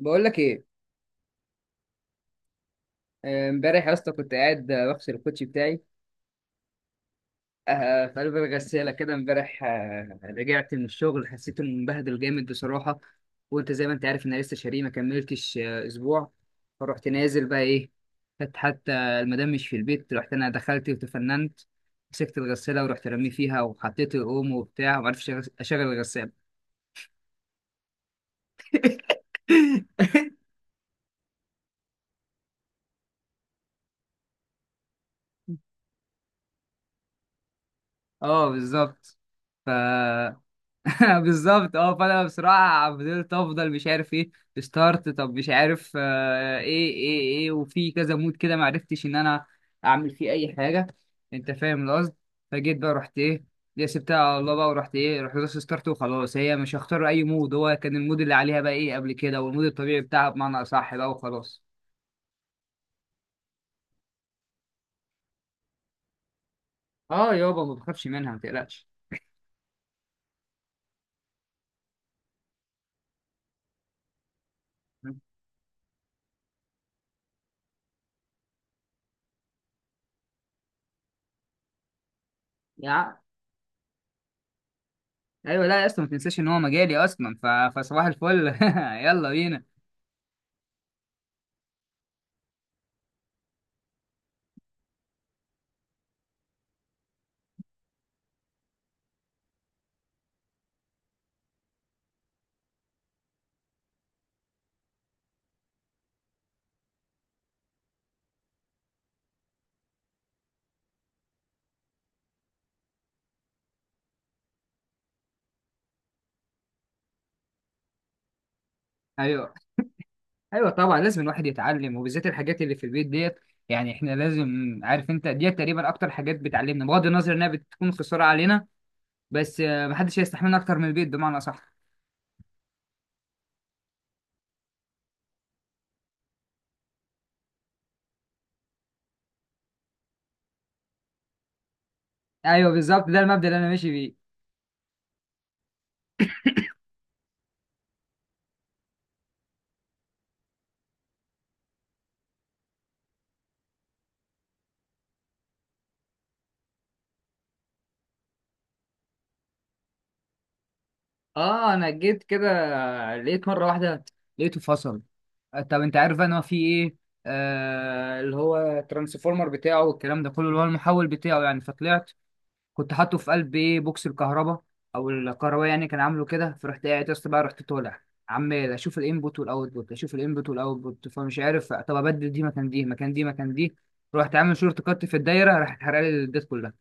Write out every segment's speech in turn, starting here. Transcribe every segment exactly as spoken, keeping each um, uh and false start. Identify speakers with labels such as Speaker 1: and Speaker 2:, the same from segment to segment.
Speaker 1: بقول لك ايه؟ آه، امبارح يا اسطى كنت قاعد، آه، بغسل الكوتشي بتاعي آه، في قلب الغساله كده. امبارح آه، رجعت من الشغل، حسيت انه مبهدل جامد بصراحه. وانت زي ما انت عارف ان انا لسه شاريه، ما كملتش آه، اسبوع. فرحت نازل بقى ايه، كانت حتى المدام مش في البيت. رحت انا، دخلت وتفننت. مسكت الغساله ورحت رميه فيها وحطيت الاوم وبتاع، وما عرفتش أغس- اشغل الغساله. اه بالظبط. بالظبط اه. فانا بصراحه فضلت افضل مش عارف ايه ستارت، طب مش عارف آه ايه ايه ايه. وفي كذا مود كده، ما عرفتش ان انا اعمل فيه اي حاجه. انت فاهم القصد. فجيت بقى، رحت ايه، دي سبتها على الله بقى. ورحت ايه، رحت دوست ستارت، وخلاص. هي مش هختار اي مود، هو كان المود اللي عليها بقى ايه قبل كده، والمود الطبيعي بتاعها بمعنى اصح بقى، وخلاص. اه يابا، ما بخافش منها، ما تقلقش. يا ايوه لا يا اسطى، ما تنساش ان هو مجالي اصلا. ف... فصباح الفل. يلا بينا. ايوه، ايوه طبعا، لازم الواحد يتعلم، وبالذات الحاجات اللي في البيت ديت. يعني احنا لازم. عارف انت ديت تقريبا اكتر حاجات بتعلمنا، بغض النظر انها بتكون خساره علينا. بس آه، محدش هيستحملنا اكتر من البيت، بمعنى صح. ايوه بالظبط، ده المبدأ اللي انا ماشي بيه. اه انا جيت كده، لقيت مره واحده، لقيته فصل. آه، طب انت عارف بقى ان هو في ايه، آه اللي هو الترانسفورمر بتاعه والكلام ده كله، اللي هو المحول بتاعه يعني، فطلعت. كنت حاطه في قلب ايه بوكس الكهرباء، او الكهرباء يعني، كان عامله كده. فرحت قاعد يا اسطى بقى، رحت طالع. عمال اشوف الانبوت والاوتبوت، اشوف الانبوت والاوتبوت، فمش عارف. طب ابدل دي مكان دي، مكان دي، مكان دي. رحت عامل شورت كات في الدايره، راحت حرق لي الديت كلها.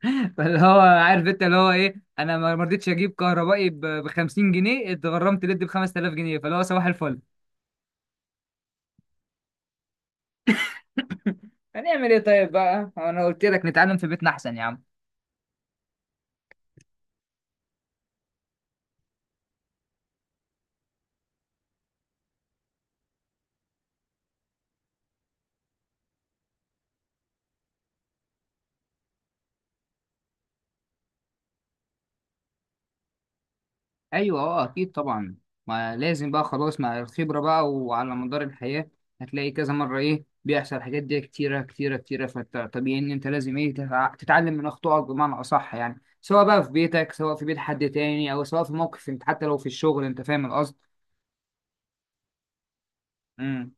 Speaker 1: فاللي هو، عارف انت اللي هو ايه، انا ما ما رضيتش اجيب كهربائي ب خمسين جنيه، اتغرمت ليد ب خمسة آلاف جنيه. فاللي هو صباح الفل. هنعمل ايه طيب بقى، انا قلت لك نتعلم في بيتنا احسن يا عم. ايوه اه اكيد طبعا. ما لازم بقى خلاص، مع الخبره بقى وعلى مدار الحياه. هتلاقي كذا مره ايه بيحصل، الحاجات دي كتيره كتيره كتيره. فطبيعي ان انت لازم ايه تتع- تتعلم من اخطائك، بمعنى اصح. يعني سواء بقى في بيتك، سواء في بيت حد تاني، او سواء في موقف انت، حتى لو في الشغل. انت فاهم القصد. امم.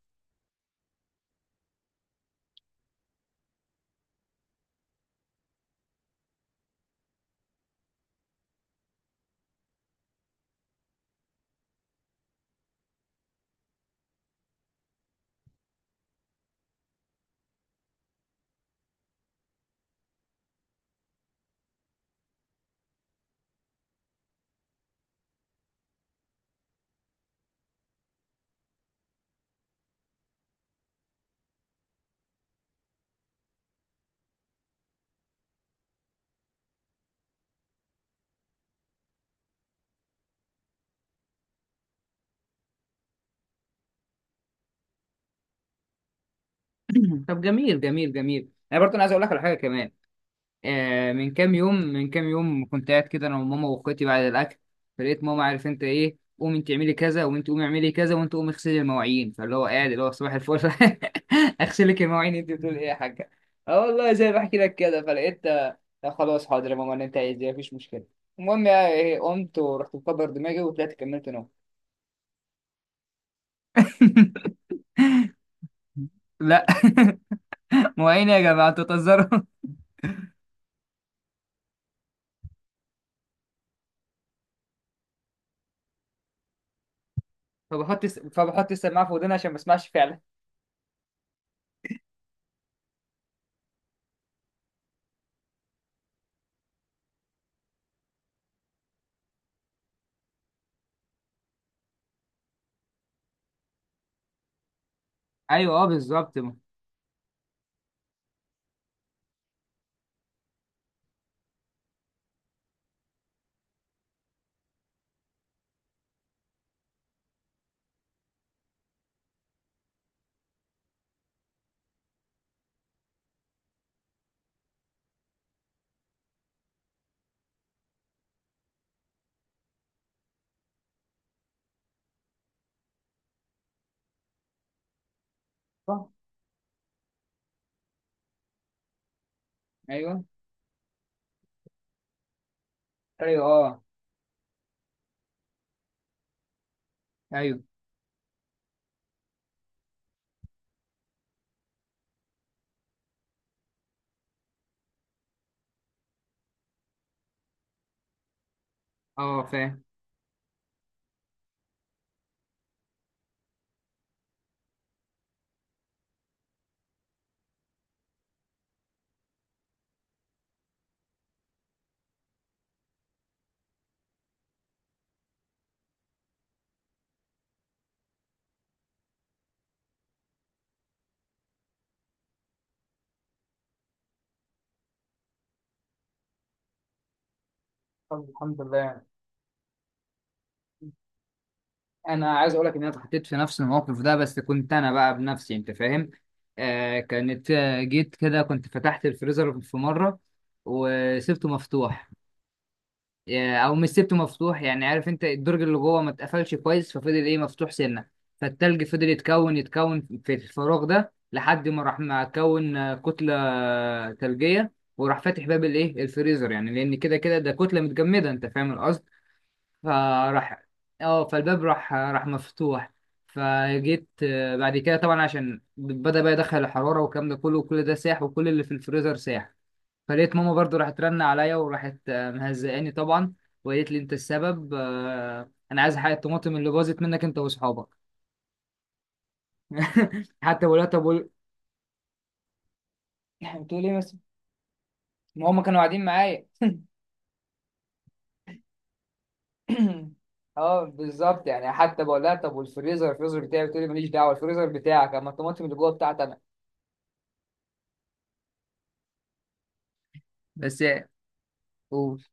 Speaker 1: طب جميل جميل جميل. انا برضه أنا عايز اقول لك على حاجه كمان. آه، من كام يوم من كام يوم كنت قاعد كده، انا وماما واخواتي، بعد الاكل. فلقيت ماما، عارف انت ايه، قومي انت اعملي كذا، وانت قومي اعملي كذا، وانت قومي اغسلي المواعين. فاللي هو قاعد، اللي هو صباح الفل. اغسلك المواعين؟ انت بتقول ايه يا حاجه؟ اه والله زي ما بحكي لك كده. فلقيت آه، خلاص حاضر يا ماما، اللي انت عايزاه مفيش مشكله. المهم يعني إيه، قمت ورحت مكبر دماغي وطلعت كملت نوم. لا. مواعين يا جماعه، انتوا بتهزروا؟ فبحط الس- فبحط السماعه في ودني عشان ما اسمعش فعلا. ايوه اه بالظبط. صح. ايوه، ايوه، اه، ايوه، اه فاهم. طب الحمد لله. انا عايز اقول لك ان انا اتحطيت في نفس الموقف ده، بس كنت انا بقى بنفسي. انت فاهم. آه كانت آه، جيت كده، كنت فتحت الفريزر في مره وسبته مفتوح. آه، او مش سبته مفتوح يعني، عارف انت الدرج اللي جوه ما اتقفلش كويس، ففضل ايه مفتوح سنه. فالتلج فضل يتكون يتكون في الفراغ ده، لحد ما راح ما كون آه، كتله آه، ثلجيه. وراح فاتح باب الايه الفريزر يعني، لان كده كده ده كتله متجمده، انت فاهم. فراح، اه فالباب راح راح مفتوح. فجيت آه، بعد كده طبعا، عشان بدأ بقى يدخل الحرارة والكلام ده كله، وكل ده ساح وكل اللي في الفريزر ساح. فلقيت ماما برضو راحت رن عليا، وراحت آه، مهزقاني طبعا. وقالت لي انت السبب، آه، انا عايز حق الطماطم اللي باظت منك انت واصحابك. حتى بقول لها طب، بقول بتقول ايه مثلا؟ ما هم كانوا قاعدين معايا. اه بالظبط يعني. حتى بقول لها طب، والفريزر الفريزر بتاعي؟ بتقول لي ماليش دعوه الفريزر بتاعك، اما الطماطم اللي جوه بتاعتي انا. بس. قول.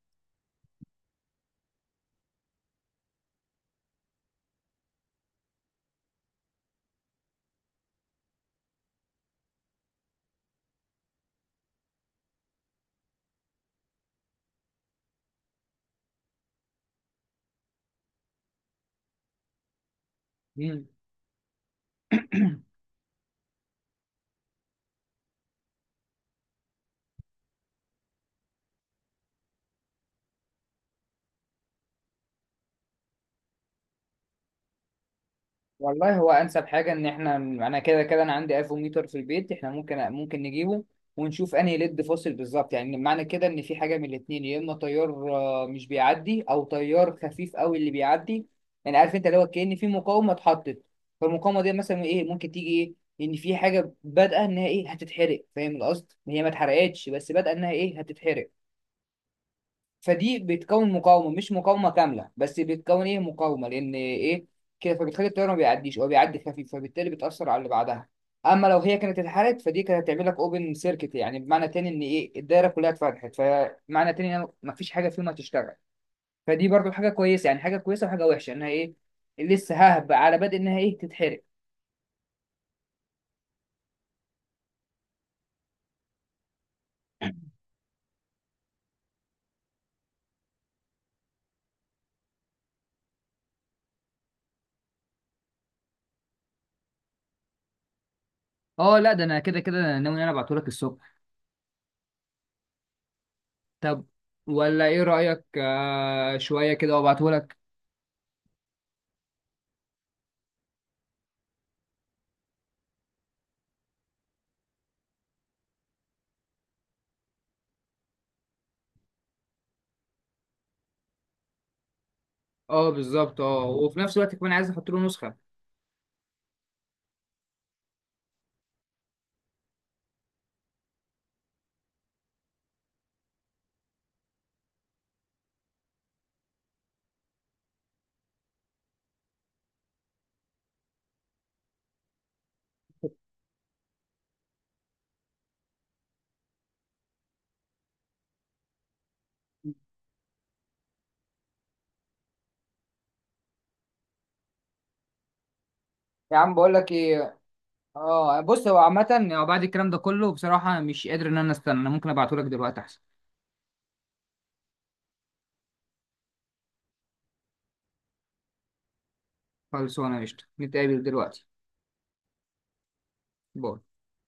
Speaker 1: مم. والله، هو انسب حاجه ان احنا، انا كده كده، انا عندي افوميتر في البيت. احنا ممكن ممكن نجيبه ونشوف انهي ليد فاصل بالظبط. يعني معنى كده ان في حاجه من الاتنين: يا اما تيار آه، مش بيعدي، او تيار خفيف قوي اللي بيعدي. يعني عارف انت، اللي هو كأن في مقاومه اتحطت. فالمقاومه دي مثلا ايه، ممكن تيجي ايه، ان في حاجه بادئه انها ايه هتتحرق، فاهم القصد. هي ما اتحرقتش، بس بادئه انها ايه هتتحرق. فدي بتكون مقاومه مش مقاومه كامله، بس بتكون ايه مقاومه لان ايه كده، فبتخلي الطياره ما بيعديش، هو بيعدي خفيف، فبالتالي بتاثر على اللي بعدها. اما لو هي كانت اتحرقت، فدي كانت هتعمل لك اوبن سيركت، يعني بمعنى تاني ان ايه الدايره كلها اتفتحت، فمعنى تاني ان ما فيش حاجه فيهم هتشتغل. فدي برضو حاجه كويسه، يعني حاجه كويسه، وحاجه وحشه انها ايه لسه ههب على بدء انها ايه تتحرق. اه لا، ده انا كده كده ناوي ان انا ابعتهولك الصبح. طب ولا ايه رايك، آه شويه كده وابعتهولك. اه بالظبط. اه وفي نفس الوقت كمان عايز احط له نسخه. يا عم بقول لك ايه، اه بص، هو عامه، آه، بعد الكلام ده كله بصراحه مش قادر ان انا استنى. انا ممكن ابعته لك دلوقتي احسن. خلص، وانا قشطه، نتقابل دلوقتي. باي.